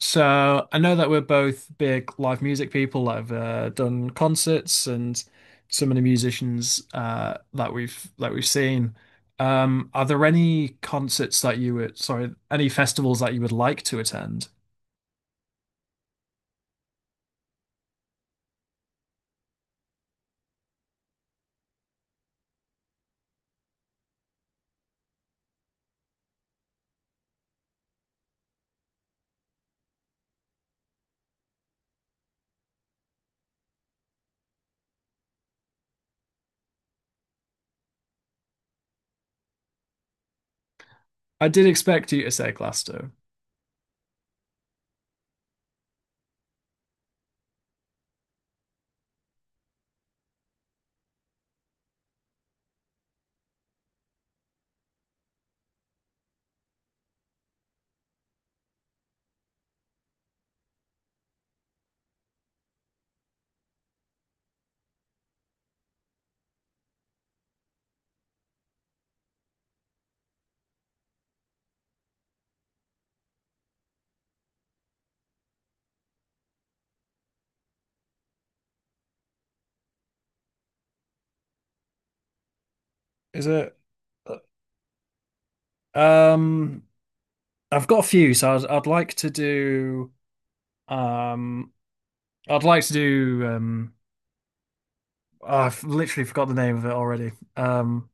So I know that we're both big live music people. I've done concerts and some of the musicians that we've seen. Are there any concerts that you would, sorry, any festivals that you would like to attend? I did expect you to say Glasto. Is it? uh, Um, I've got a few, so I'd like to do. Um, I'd like to do. Oh, I've literally forgot the name of it already. Um,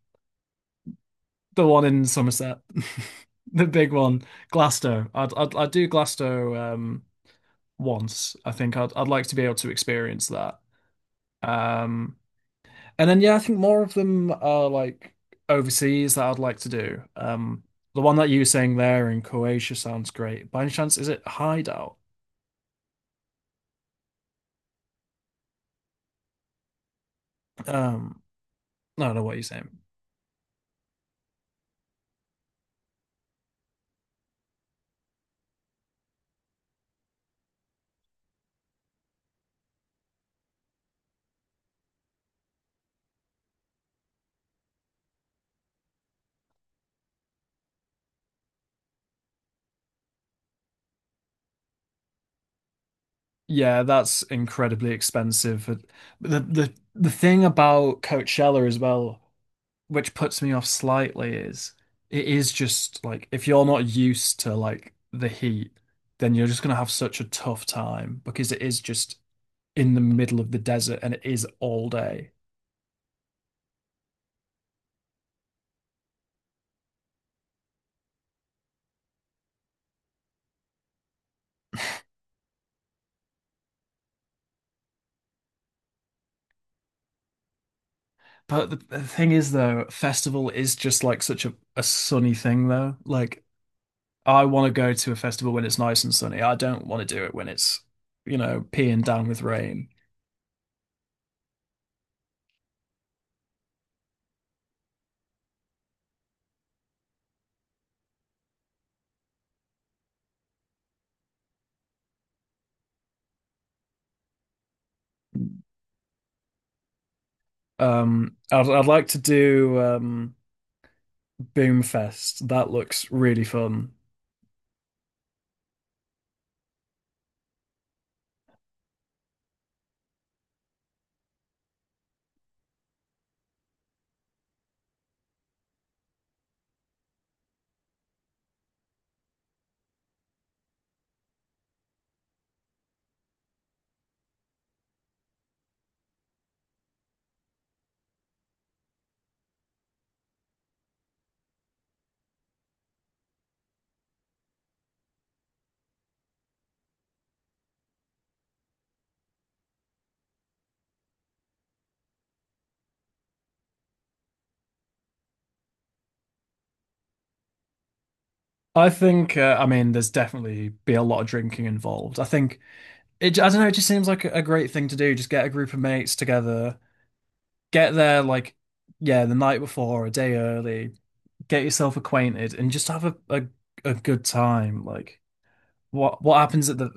the one in Somerset, the big one, Glasto. I'd do Glasto once. I think I'd like to be able to experience that. Um, And then yeah, I think more of them are like overseas that I'd like to do. The one that you were saying there in Croatia sounds great. By any chance, is it Hideout? Um, no, I don't know what you're saying. Yeah, that's incredibly expensive. But the thing about Coachella as well, which puts me off slightly, is it is just like if you're not used to like the heat, then you're just gonna have such a tough time because it is just in the middle of the desert and it is all day. But the thing is, though, festival is just like such a sunny thing, though. Like, I want to go to a festival when it's nice and sunny. I don't want to do it when it's, you know, peeing down with rain. I'd like to do Boomfest. That looks really fun. I think, I mean, there's definitely be a lot of drinking involved. I think it, I don't know, it just seems like a great thing to do. Just get a group of mates together, get there like yeah, the night before, or a day early. Get yourself acquainted and just have a good time. Like what happens at the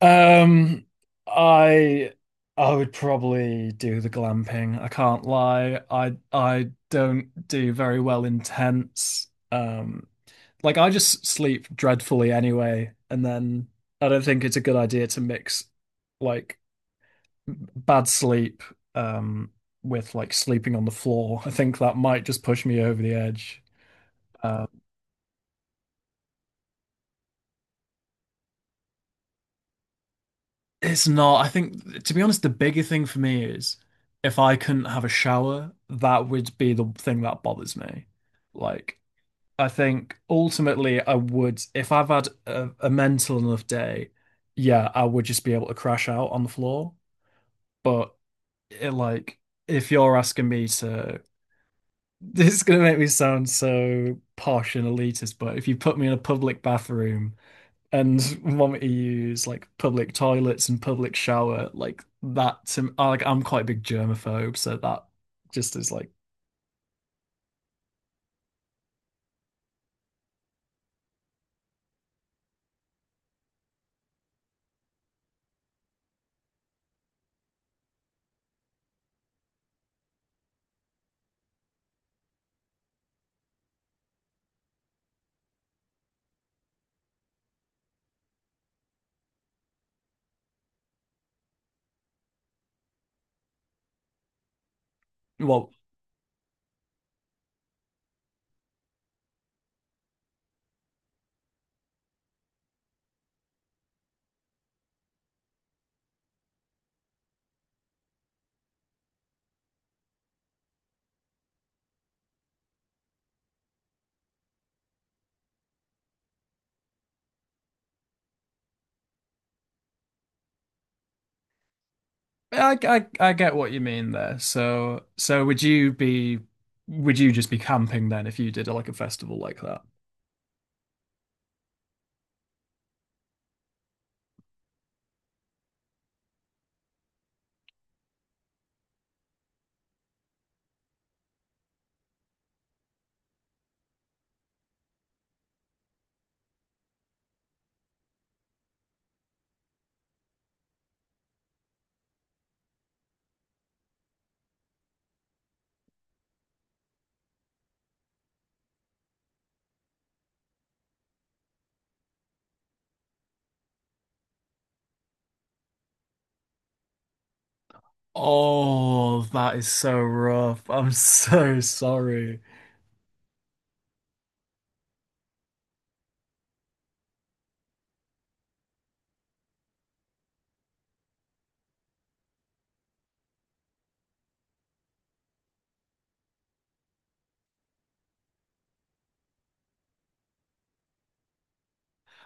um I I would probably do the glamping. I can't lie. I don't do very well in tents. Like I just sleep dreadfully anyway, and then I don't think it's a good idea to mix like bad sleep um, with like sleeping on the floor. I think that might just push me over the edge. Uh, it's not. I think, to be honest, the bigger thing for me is if I couldn't have a shower, that would be the thing that bothers me. Like, I think ultimately, I would, if I've had a mental enough day, yeah, I would just be able to crash out on the floor. But it, like, if you're asking me to this is going to make me sound so posh and elitist, but if you put me in a public bathroom and want me to use like public toilets and public shower, like that to like I'm quite a big germaphobe, so that just is like well, yeah, I get what you mean there. So so would you be would you just be camping then if you did like a festival like that? Oh, that is so rough. I'm so sorry.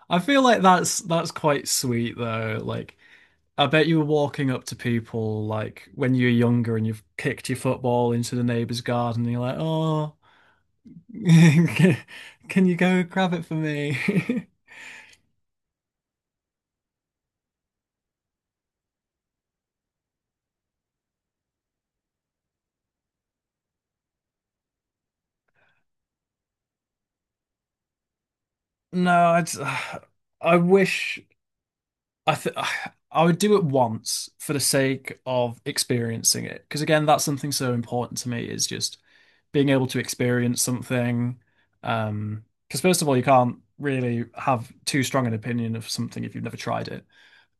I feel like that's quite sweet though. Like I bet you were walking up to people like when you were younger and you've kicked your football into the neighbour's garden and you're like, oh, can you go grab it for me? No, I'd, I wish I th I would do it once for the sake of experiencing it. Because again, that's something so important to me is just being able to experience something. Because first of all, you can't really have too strong an opinion of something if you've never tried it.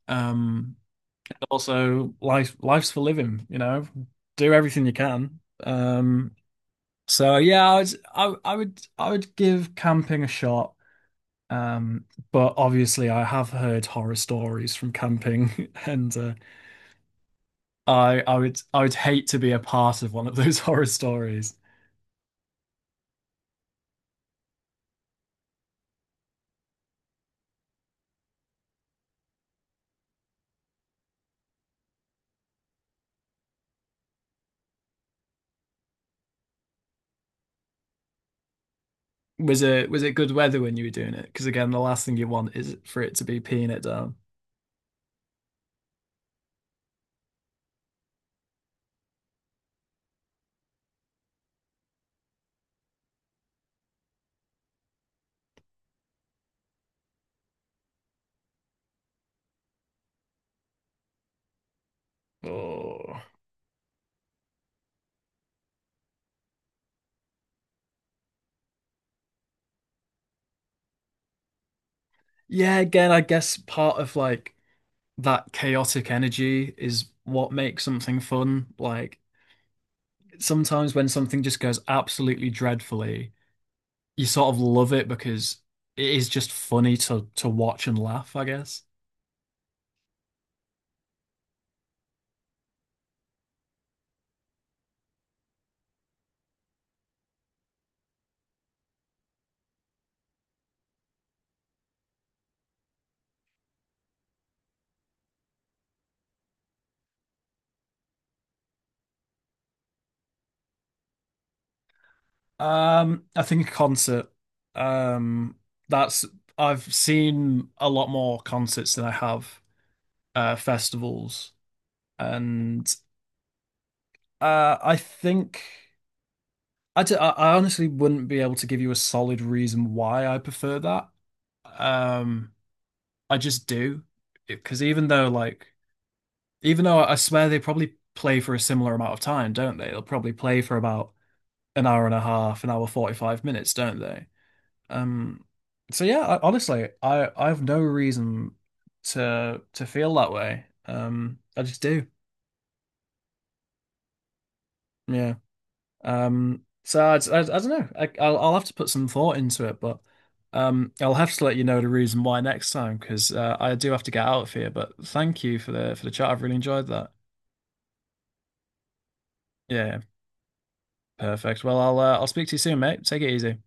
Um, Also life's for living, you know. Do everything you can. So yeah, I would give camping a shot. Um but obviously I have heard horror stories from camping and I would hate to be a part of one of those horror stories. Was it good weather when you were doing it? Because again, the last thing you want is for it to be peeing it down. Oh. Yeah, again, I guess part of like that chaotic energy is what makes something fun. Like sometimes when something just goes absolutely dreadfully, you sort of love it because it is just funny to watch and laugh, I guess. I think a concert. Um, that's I've seen a lot more concerts than I have festivals. And I think I, d- I honestly wouldn't be able to give you a solid reason why I prefer that. Um, I just do because even though I swear they probably play for a similar amount of time, don't they? They'll probably play for about an hour and a half, an hour 45 minutes, don't they? Um so yeah, I, honestly, I have no reason to feel that way. I just do. Yeah. So I don't know. I'll have to put some thought into it, but I'll have to let you know the reason why next time because I do have to get out of here, but thank you for the chat. I've really enjoyed that. Yeah, perfect. Well, I'll speak to you soon, mate. Take it easy.